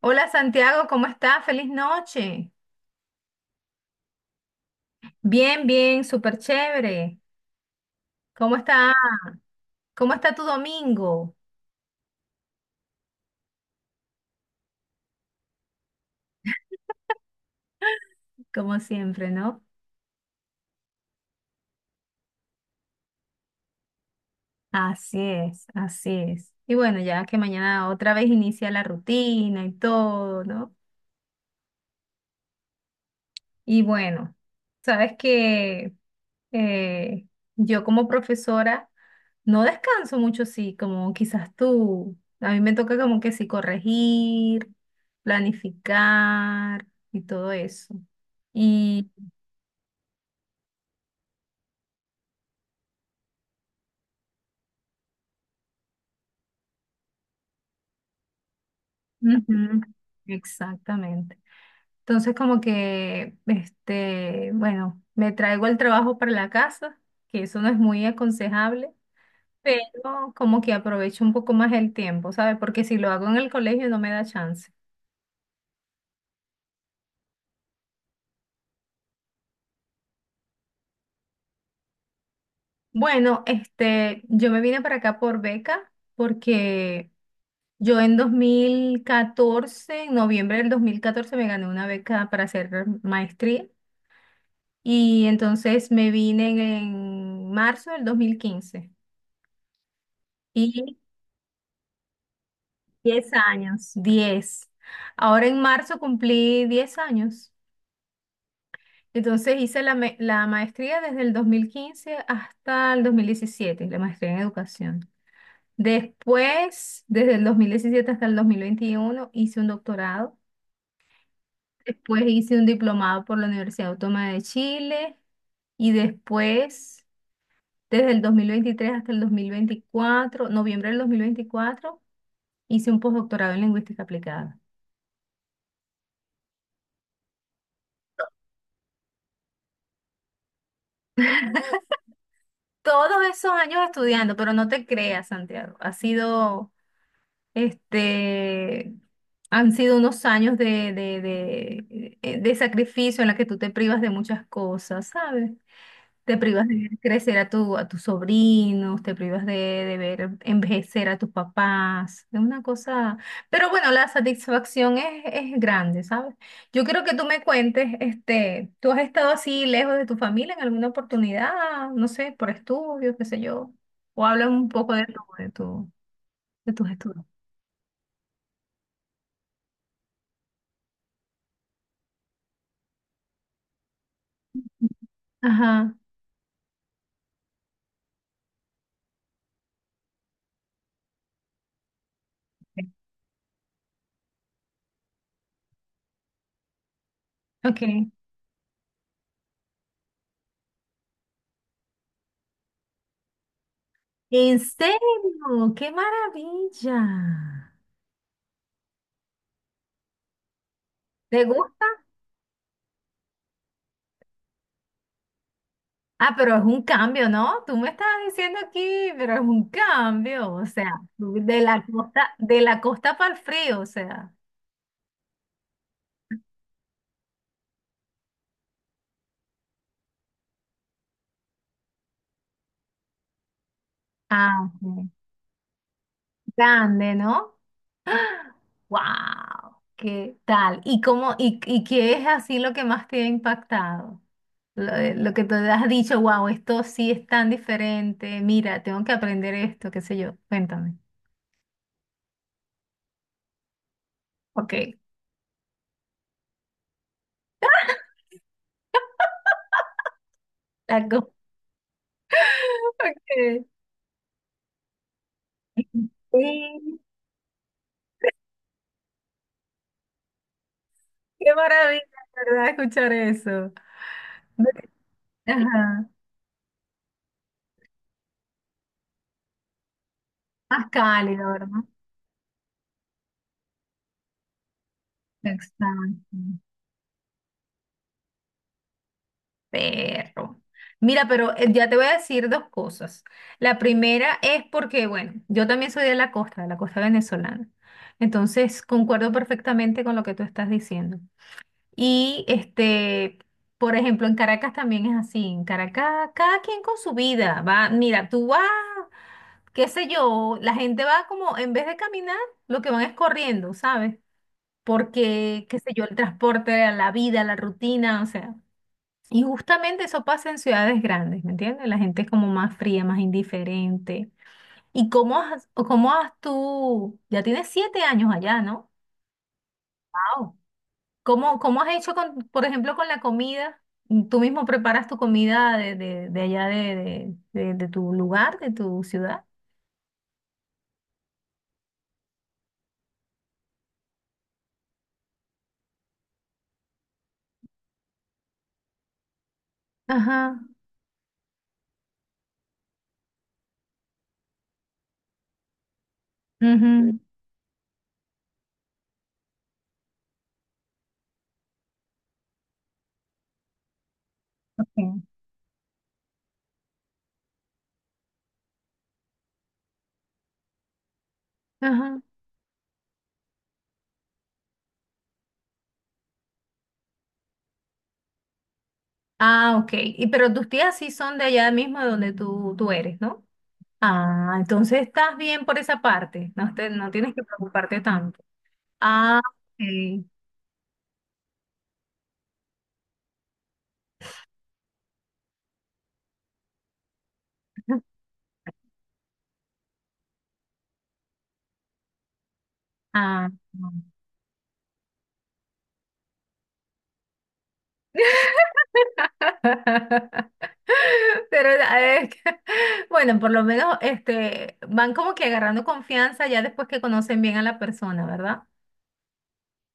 Hola Santiago, ¿cómo estás? Feliz noche. Bien, bien, súper chévere. ¿Cómo está? ¿Cómo está tu domingo? Como siempre, ¿no? Así es, así es. Y bueno, ya que mañana otra vez inicia la rutina y todo, ¿no? Y bueno, sabes que eh, yo como profesora no descanso mucho, sí, como quizás tú. A mí me toca como que sí corregir, planificar y todo eso. Y ujú, exactamente. Entonces como que, este, bueno, me traigo el trabajo para la casa, que eso no es muy aconsejable. Pero como que aprovecho un poco más el tiempo, ¿sabes? Porque si lo hago en el colegio no me da chance. Bueno, este, yo me vine para acá por beca porque yo en 2014, en noviembre del 2014, me gané una beca para hacer maestría y entonces me vine en, en marzo del 2015 y 10 años, 10. Ahora en marzo cumplí 10 años. Entonces hice la, la maestría desde el 2015 hasta el 2017, la maestría en educación. Después, desde el 2017 hasta el 2021, hice un doctorado. Después hice un diplomado por la Universidad Autónoma de Chile. Y después, desde el 2023 hasta el 2024, noviembre del 2024, hice un postdoctorado en lingüística aplicada. Todos esos años estudiando, pero no te creas, Santiago, ha sido este, han sido unos años de sacrificio en la que tú te privas de muchas cosas, ¿sabes? Te privas de ver crecer a a tus sobrinos, te privas de ver envejecer a tus papás, es una cosa. Pero bueno, la satisfacción es grande, ¿sabes? Yo quiero que tú me cuentes, este, ¿tú has estado así lejos de tu familia en alguna oportunidad? No sé, por estudios, qué sé yo. O habla un poco de tu, de tus estudios. Ajá. Ok. ¿En serio? ¡Qué maravilla! ¿Te gusta? Ah, pero es un cambio, ¿no? Tú me estabas diciendo aquí, pero es un cambio, o sea, de la costa para el frío, o sea. Ah, ok. Grande, ¿no? ¡Wow! ¿Qué tal? ¿Y cómo, y qué es así lo que más te ha impactado? Lo que te has dicho, wow, esto sí es tan diferente, mira, tengo que aprender esto, qué sé yo, cuéntame. Ok. Ok. Sí, qué maravilla, ¿verdad? Escuchar eso. Bueno, ajá. Más cálido, ¿verdad? Exacto. Perro. Mira, pero ya te voy a decir dos cosas. La primera es porque, bueno, yo también soy de la costa venezolana. Entonces, concuerdo perfectamente con lo que tú estás diciendo. Y este, por ejemplo, en Caracas también es así. En Caracas, cada quien con su vida. Va, mira, tú vas. Qué sé yo, la gente va como, en vez de caminar, lo que van es corriendo, ¿sabes? Porque, qué sé yo, el transporte, la vida, la rutina, o sea. Y justamente eso pasa en ciudades grandes, ¿me entiendes? La gente es como más fría, más indiferente. ¿Y cómo has, o cómo has tú, ya tienes 7 años allá, ¿no? Wow. ¿Cómo, cómo has hecho, con, por ejemplo, con la comida? ¿Tú mismo preparas tu comida de allá de tu lugar, de tu ciudad? Ajá. Ujú, ok, ajá. Ah, ok. Y, pero tus tías sí son de allá mismo de donde tú eres, ¿no? Ah, entonces estás bien por esa parte. No, no tienes que preocuparte tanto. Ah, ok. Ah. Pero eh, bueno, por lo menos este, van como que agarrando confianza ya después que conocen bien a la persona, ¿verdad?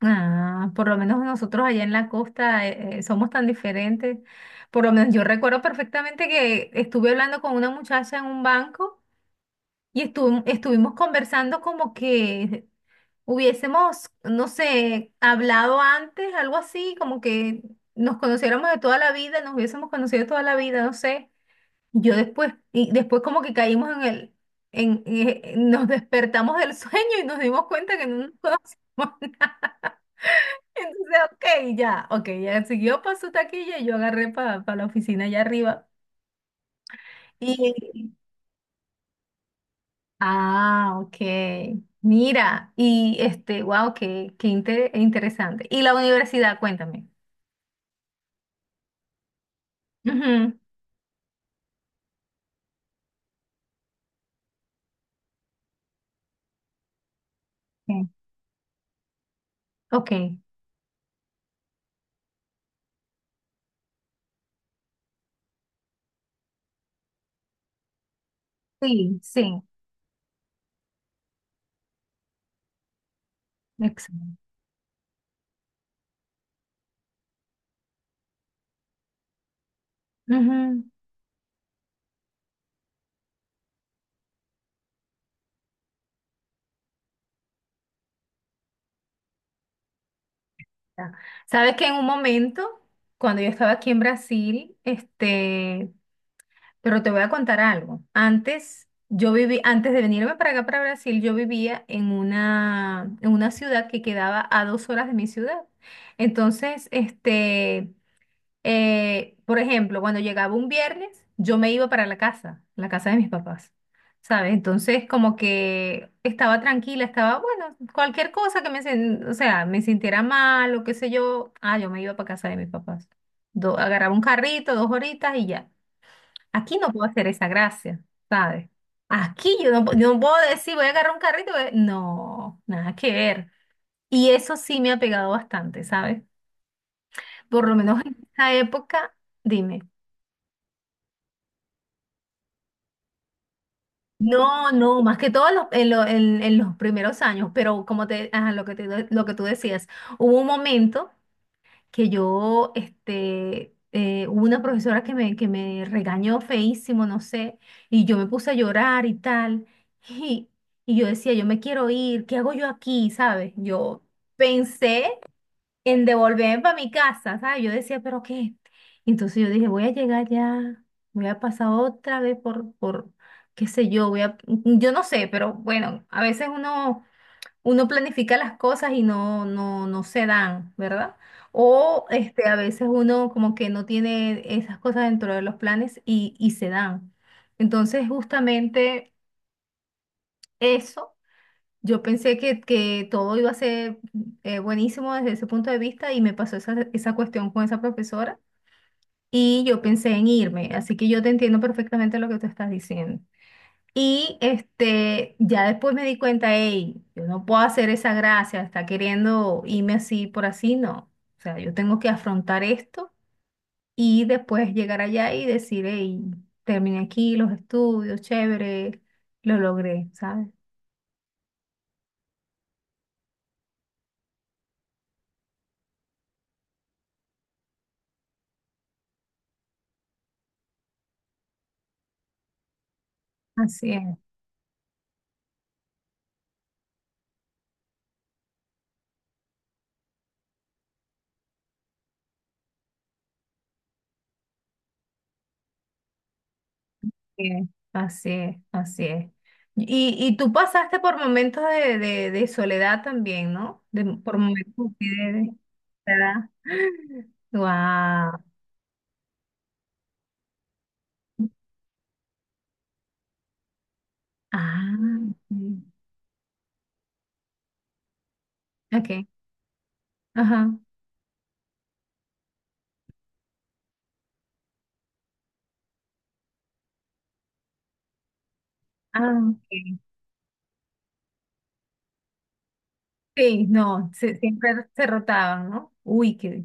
Ah, por lo menos nosotros allá en la costa somos tan diferentes. Por lo menos yo recuerdo perfectamente que estuve hablando con una muchacha en un banco y estuvimos conversando como que hubiésemos, no sé, hablado antes, algo así, como que nos conociéramos de toda la vida, nos hubiésemos conocido de toda la vida, no sé. Yo después, y después como que caímos en nos despertamos del sueño y nos dimos cuenta que no nos conocíamos entonces, ok, ya, ok, ya siguió para su taquilla y yo agarré para la oficina allá arriba. Y, ah, ok, mira, y este, wow, qué, qué interesante. Y la universidad, cuéntame. Ujú, ok, ok, sí, sí, excelente. Ujú, ya. Sabes que en un momento, cuando yo estaba aquí en Brasil, este, pero te voy a contar algo. Antes, yo viví, antes de venirme para acá, para Brasil, yo vivía en una ciudad que quedaba a 2 horas de mi ciudad. Entonces, este, por ejemplo, cuando llegaba un viernes, yo me iba para la casa de mis papás, ¿sabes? Entonces, como que estaba tranquila, estaba, bueno, cualquier cosa que me, o sea, me sintiera mal o qué sé yo, ah, yo me iba para casa de mis papás. Agarraba un carrito, dos horitas y ya. Aquí no puedo hacer esa gracia, ¿sabes? Aquí yo no, yo no puedo decir, voy a agarrar un carrito. Voy No, nada que ver. Y eso sí me ha pegado bastante, ¿sabes? Por lo menos en esa época, dime. No, no, más que todo en los, en los primeros años, pero como te, ajá, lo que lo que tú decías, hubo un momento que yo, este, hubo una profesora que me regañó feísimo, no sé, y yo me puse a llorar y tal, y, y yo decía, yo me quiero ir, ¿qué hago yo aquí? ¿Sabes? Yo pensé en devolverme para mi casa, ¿sabes? Yo decía, ¿pero qué? Entonces yo dije, voy a llegar ya, voy a pasar otra vez qué sé yo, voy a, yo no sé, pero bueno, a veces uno planifica las cosas y no se dan, ¿verdad? O este, a veces uno como que no tiene esas cosas dentro de los planes y se dan. Entonces, justamente eso, yo pensé que todo iba a ser buenísimo desde ese punto de vista y me pasó esa, esa cuestión con esa profesora y yo pensé en irme. Así que yo te entiendo perfectamente lo que tú estás diciendo. Y este, ya después me di cuenta, hey, yo no puedo hacer esa gracia, está queriendo irme así por así, no. O sea, yo tengo que afrontar esto y después llegar allá y decir, hey, terminé aquí los estudios, chévere, lo logré, ¿sabes? Así es, así es, así es, así es. Y tú pasaste por momentos de soledad también, ¿no? De, por momentos de... de, ¿verdad? Wow. Ah, sí. Ok. Ajá. Ah, ok. Sí, no, siempre se rotaban, ¿no? Uy, qué.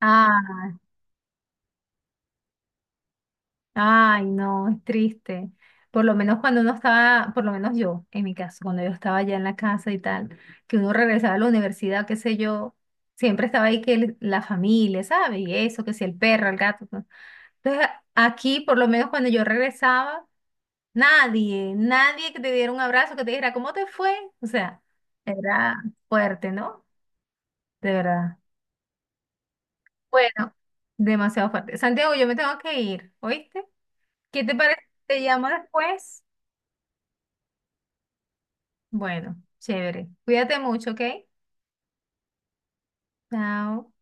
Ah, ay, no, es triste. Por lo menos cuando uno estaba, por lo menos yo, en mi caso, cuando yo estaba ya en la casa y tal, que uno regresaba a la universidad, qué sé yo, siempre estaba ahí que la familia, ¿sabes? Y eso, que si el perro, el gato. ¿No? Entonces, aquí, por lo menos cuando yo regresaba, nadie, nadie que te diera un abrazo, que te dijera, ¿cómo te fue? O sea, era fuerte, ¿no? De verdad. Bueno, demasiado fuerte. Santiago, yo me tengo que ir, ¿oíste? ¿Qué te parece? Si te llamo después. Bueno, chévere. Cuídate mucho, ¿ok? Chao.